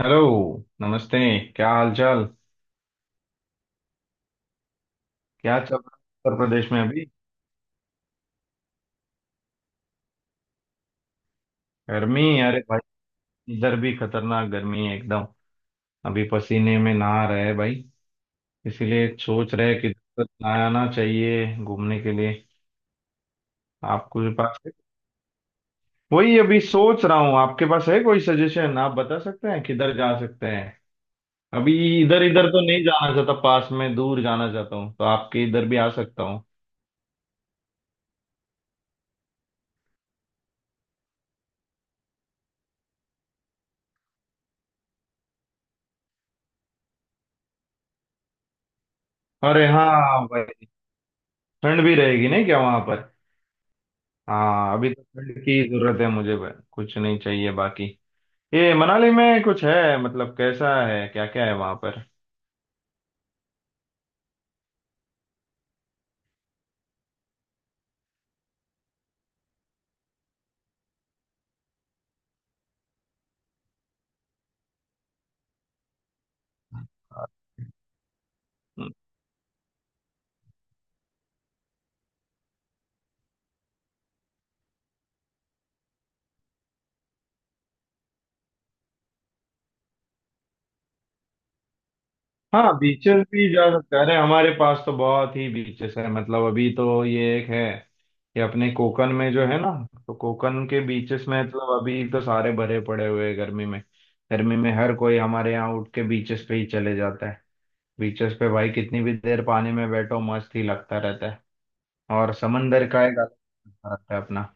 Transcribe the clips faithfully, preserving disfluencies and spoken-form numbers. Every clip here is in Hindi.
हेलो। नमस्ते। क्या हाल चाल। क्या चल रहा है उत्तर प्रदेश में अभी? गर्मी? अरे भाई, इधर भी खतरनाक गर्मी है एकदम। अभी पसीने में नहा रहे हैं भाई। इसीलिए सोच रहे हैं कि किधर आना चाहिए घूमने के लिए। आपके पास है? वही अभी सोच रहा हूँ, आपके पास है कोई सजेशन? आप बता सकते हैं किधर जा सकते हैं अभी। इधर इधर तो नहीं जाना चाहता पास में, दूर जाना चाहता हूँ तो आपके इधर भी आ सकता हूँ। अरे हाँ भाई। ठंड भी रहेगी नहीं क्या वहां पर? हाँ, अभी तो फंड की जरूरत है मुझे, ब- कुछ नहीं चाहिए बाकी। ये मनाली में कुछ है मतलब, कैसा है, क्या क्या है वहां पर? हाँ, बीचेस भी जा सकते हैं। अरे हमारे पास तो बहुत ही बीचेस है मतलब, अभी तो ये एक है। ये अपने कोकन में जो है ना, तो कोकन के बीचेस में मतलब, अभी तो सारे भरे पड़े हुए हैं गर्मी में। गर्मी में हर कोई हमारे यहाँ उठ के बीचेस पे ही चले जाता है। बीचेस पे भाई कितनी भी देर पानी में बैठो मस्त ही लगता रहता है। और समंदर का एक अलग मजा आता है अपना।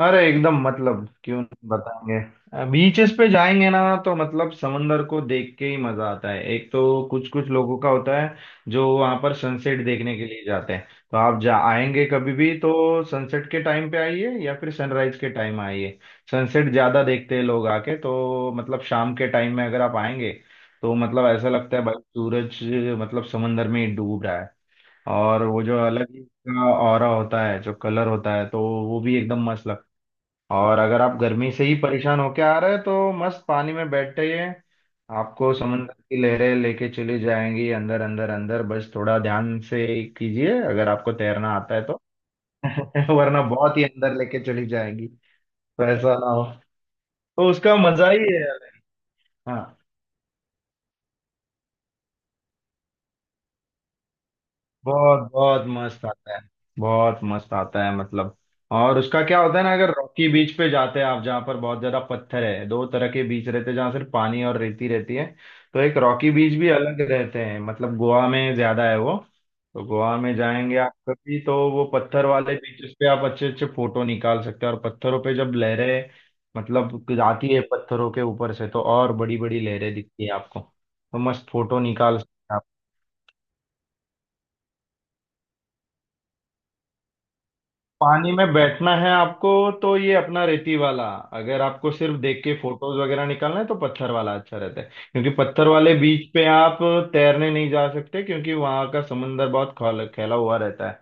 अरे एकदम, मतलब क्यों नहीं बताएंगे। बीचेस पे जाएंगे ना तो मतलब, समंदर को देख के ही मजा आता है एक तो। कुछ कुछ लोगों का होता है जो वहां पर सनसेट देखने के लिए जाते हैं, तो आप जा आएंगे कभी भी तो सनसेट के टाइम पे आइए या फिर सनराइज के टाइम आइए। सनसेट ज्यादा देखते हैं लोग आके, तो मतलब शाम के टाइम में अगर आप आएंगे तो मतलब ऐसा लगता है भाई सूरज मतलब समंदर में ही डूब रहा है। और वो जो अलग ही का ऑरा होता है, जो कलर होता है, तो वो भी एकदम मस्त लगता है। और अगर आप गर्मी से ही परेशान होके आ रहे हैं तो मस्त पानी में बैठिए। आपको समुद्र की लहरें लेके चली जाएंगी अंदर अंदर अंदर, बस थोड़ा ध्यान से कीजिए अगर आपको तैरना आता है तो। वरना बहुत ही अंदर लेके चली जाएंगी, तो ऐसा ना हो। तो उसका मजा ही है। हाँ, बहुत बहुत मस्त आता है। बहुत मस्त आता है मतलब। और उसका क्या होता है ना, अगर रॉकी बीच पे जाते हैं आप जहाँ पर बहुत ज्यादा पत्थर है। दो तरह के बीच रहते हैं जहाँ सिर्फ पानी और रेती रहती है, तो एक रॉकी बीच भी अलग रहते हैं मतलब। गोवा में ज्यादा है वो, तो गोवा में जाएंगे आप कभी तो वो पत्थर वाले बीचेस पे आप अच्छे अच्छे फोटो निकाल सकते हैं। और पत्थरों पे जब लहरें मतलब जाती है पत्थरों के ऊपर से तो और बड़ी बड़ी लहरें दिखती है आपको, तो मस्त फोटो निकाल सकते हैं। पानी में बैठना है आपको तो ये अपना रेती वाला। अगर आपको सिर्फ देख के फोटोज वगैरह निकालना है तो पत्थर वाला अच्छा रहता है, क्योंकि पत्थर वाले बीच पे आप तैरने नहीं जा सकते, क्योंकि वहां का समुंदर बहुत खौल- फैला हुआ रहता है।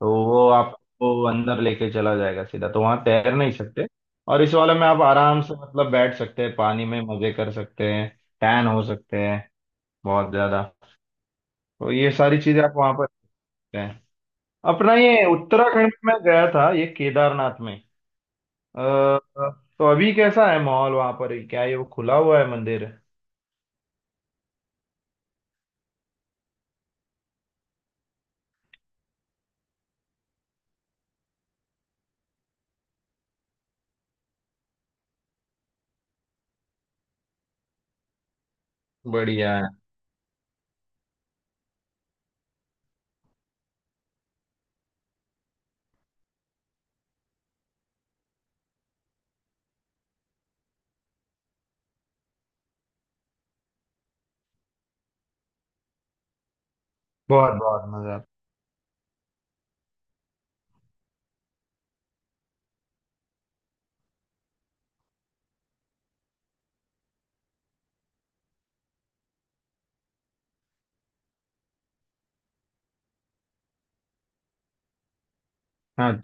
तो वो आपको अंदर लेके चला जाएगा सीधा, तो वहां तैर नहीं सकते। और इस वाले में आप आराम से मतलब बैठ सकते हैं, पानी में मजे कर सकते हैं, टैन हो सकते हैं बहुत ज्यादा। तो ये सारी चीजें आप वहां पर सकते हैं। अपना ये उत्तराखंड में गया था, ये केदारनाथ में। अ, तो अभी कैसा है माहौल वहां पर, क्या ये वो खुला हुआ है मंदिर? बढ़िया है। बहुत बहुत मजा। हाँ,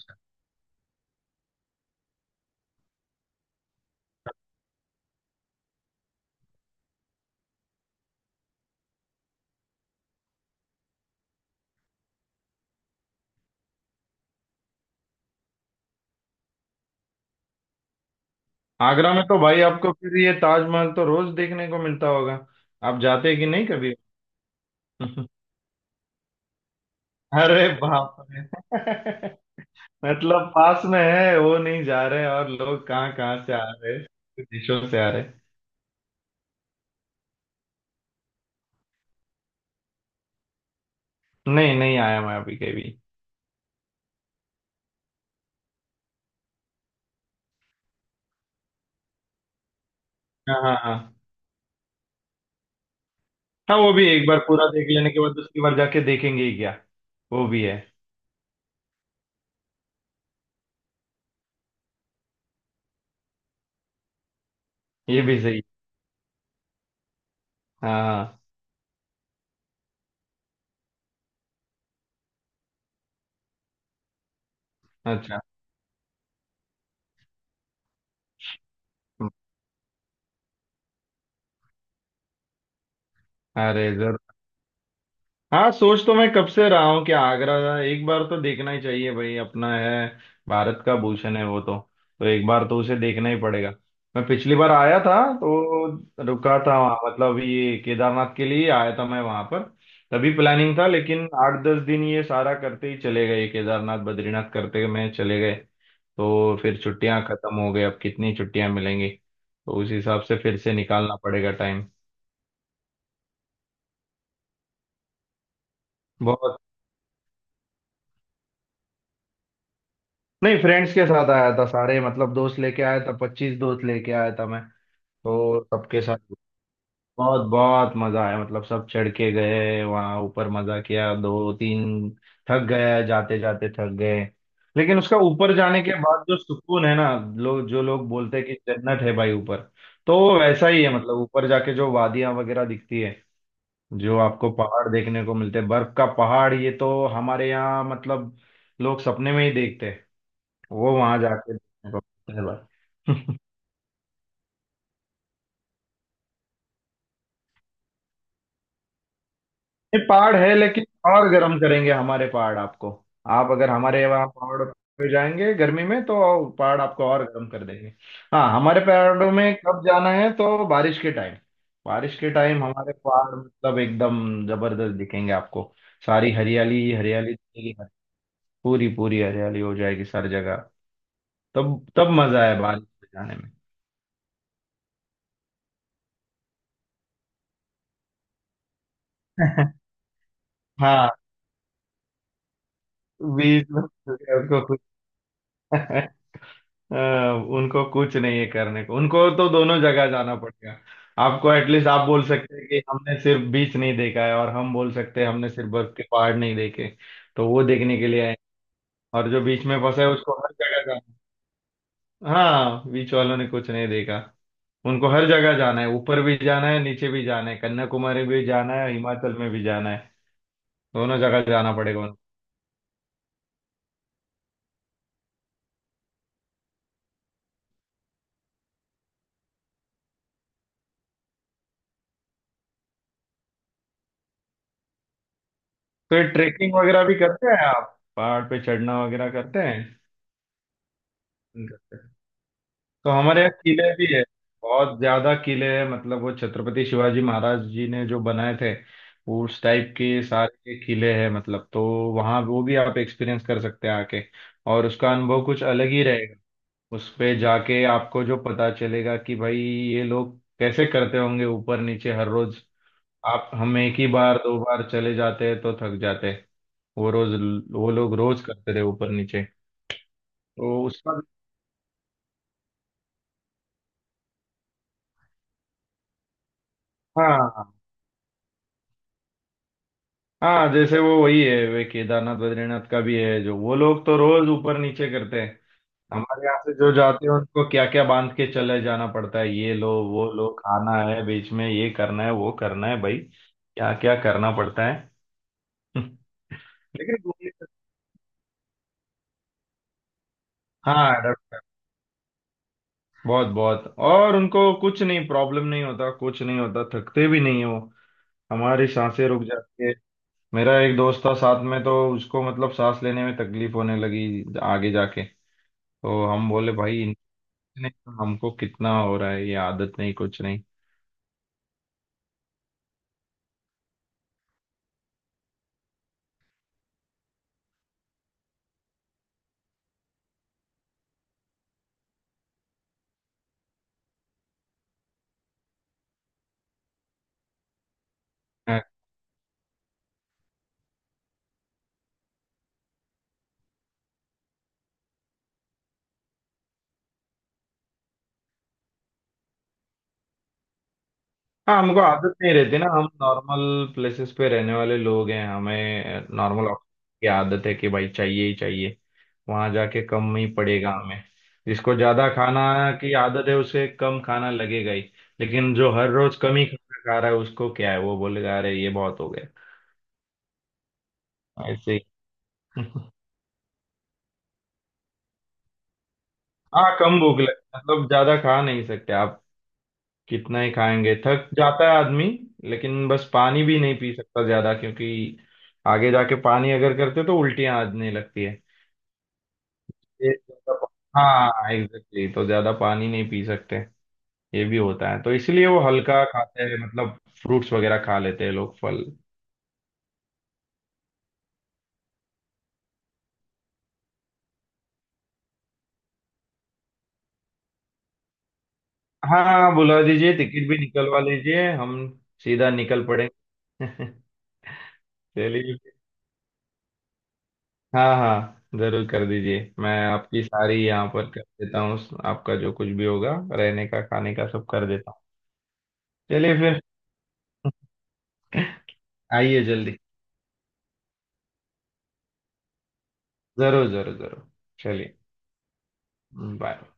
आगरा में तो भाई आपको फिर ये ताजमहल तो रोज देखने को मिलता होगा। आप जाते कि नहीं कभी? अरे बाप रे। मतलब पास में है वो नहीं जा रहे, और लोग कहाँ कहाँ से आ रहे हैं, देशों से आ रहे हैं। नहीं, नहीं आया मैं अभी कभी। हाँ हाँ हाँ। हाँ, वो भी एक बार पूरा देख लेने के बाद दूसरी बार जाके देखेंगे ही क्या। वो भी है। ये भी सही। हाँ हाँ, अच्छा। अरे जर हाँ, सोच तो मैं कब से रहा हूँ कि आगरा एक बार तो देखना ही चाहिए भाई, अपना है, भारत का भूषण है वो तो। तो एक बार तो उसे देखना ही पड़ेगा। मैं पिछली बार आया था तो रुका था वहाँ, मतलब ये केदारनाथ के लिए आया था मैं वहाँ पर। तभी प्लानिंग था, लेकिन आठ दस दिन ये सारा करते ही चले गए, केदारनाथ बद्रीनाथ करते में चले गए। तो फिर छुट्टियां खत्म हो गई। अब कितनी छुट्टियां मिलेंगी, तो उस हिसाब से फिर से निकालना पड़ेगा टाइम। बहुत। नहीं, फ्रेंड्स के साथ आया था, सारे मतलब दोस्त लेके आया था, पच्चीस दोस्त लेके आया था मैं। तो सबके साथ बहुत बहुत मजा आया, मतलब सब चढ़ के गए वहां ऊपर, मजा किया। दो तीन थक गए, जाते जाते थक गए। लेकिन उसका ऊपर जाने के बाद जो सुकून है ना, लोग जो लोग बोलते हैं कि जन्नत है भाई ऊपर, तो वैसा ही है। मतलब ऊपर जाके जो वादियां वगैरह दिखती है, जो आपको पहाड़ देखने को मिलते हैं, बर्फ का पहाड़, ये तो हमारे यहाँ मतलब लोग सपने में ही देखते हैं। वो वहां जाके देखने को मिलता है भाई। ये पहाड़ है, लेकिन और गर्म करेंगे हमारे पहाड़ आपको। आप अगर हमारे वहाँ पहाड़ पे जाएंगे गर्मी में तो पहाड़ आपको और गर्म कर देंगे। हाँ, हमारे पहाड़ों में कब जाना है तो बारिश के टाइम। बारिश के टाइम हमारे पहाड़ मतलब एकदम जबरदस्त दिखेंगे आपको। सारी हरियाली ही हरियाली दिखेगी, पूरी पूरी हरियाली हो जाएगी सारी जगह। तब तब मजा है बारिश में जाने में। हाँ। बीच में सूर्य को खुद। अ, उनको कुछ नहीं है करने को, उनको तो दोनों जगह जाना पड़ेगा। आपको एटलीस्ट आप बोल सकते हैं कि हमने सिर्फ बीच नहीं देखा है, और हम बोल सकते हैं हमने सिर्फ बर्फ के पहाड़ नहीं देखे, तो वो देखने के लिए आए हैं। और जो बीच में फंसा है उसको हर जगह जाना है। हाँ, बीच वालों ने कुछ नहीं देखा। उनको हर जगह जाना है, ऊपर भी जाना है, नीचे भी जाना है, कन्याकुमारी भी जाना है, हिमाचल में भी जाना है। दोनों जगह जाना पड़ेगा उनको। तो ये ट्रेकिंग वगैरह भी करते हैं आप, पहाड़ पे चढ़ना वगैरह करते हैं? तो हमारे यहाँ किले भी है, बहुत ज्यादा किले हैं मतलब, वो छत्रपति शिवाजी महाराज जी ने जो बनाए थे, उस टाइप के सारे किले हैं मतलब। तो वहाँ वो भी आप एक्सपीरियंस कर सकते हैं आके, और उसका अनुभव कुछ अलग ही रहेगा। उस पे जाके आपको जो पता चलेगा कि भाई ये लोग कैसे करते होंगे ऊपर नीचे हर रोज। आप हम एक ही बार दो बार चले जाते हैं तो थक जाते हैं, वो रोज, वो लोग रोज करते थे ऊपर नीचे, तो उसका। हाँ हाँ, जैसे वो वही है, वे केदारनाथ बद्रीनाथ का भी है, जो वो लोग तो रोज ऊपर नीचे करते हैं। हमारे यहाँ से जो जाते हैं उनको क्या क्या बांध के चले जाना पड़ता है, ये लो वो लो, खाना है बीच में, ये करना है, वो करना है भाई, क्या क्या करना पड़ता है। लेकिन घूमने का- हाँ, अडोप्ट बहुत बहुत। और उनको कुछ नहीं, प्रॉब्लम नहीं होता, कुछ नहीं होता, थकते भी नहीं है वो। हमारी सांसें रुक जाती है। मेरा एक दोस्त था साथ में तो उसको मतलब सांस लेने में तकलीफ होने लगी आगे जाके, तो हम बोले भाई इनसे, नहीं तो हमको कितना हो रहा है, ये आदत नहीं कुछ नहीं है। हाँ, हमको आदत नहीं रहती ना, हम नॉर्मल प्लेसेस पे रहने वाले लोग हैं, हमें नॉर्मल की आदत है कि भाई चाहिए ही चाहिए। वहां जाके कम ही पड़ेगा हमें। जिसको ज्यादा खाना की आदत है उसे कम खाना लगेगा ही, लेकिन जो हर रोज कम ही खाना खा रहा है उसको क्या है, वो बोलेगा अरे ये बहुत हो गया। ऐसे ही। हाँ, कम भूख लगे मतलब ज्यादा खा नहीं सकते आप, कितना ही खाएंगे थक जाता है आदमी। लेकिन बस पानी भी नहीं पी सकता ज्यादा, क्योंकि आगे जाके पानी अगर करते तो उल्टियां आने लगती है। ये ज्यादा पा- हाँ एग्जैक्टली, तो ज्यादा पानी नहीं पी सकते। ये भी होता है, तो इसलिए वो हल्का खाते हैं, मतलब फ्रूट्स वगैरह खा लेते हैं लोग, फल। हाँ हाँ, बुला दीजिए, टिकट भी निकलवा लीजिए, हम सीधा निकल पड़ेंगे। चलिए। हाँ हाँ, जरूर कर दीजिए, मैं आपकी सारी यहाँ पर कर देता हूँ। आपका जो कुछ भी होगा, रहने का खाने का सब कर देता हूँ। चलिए फिर। आइए जल्दी। जरूर जरूर जरूर। चलिए, बाय।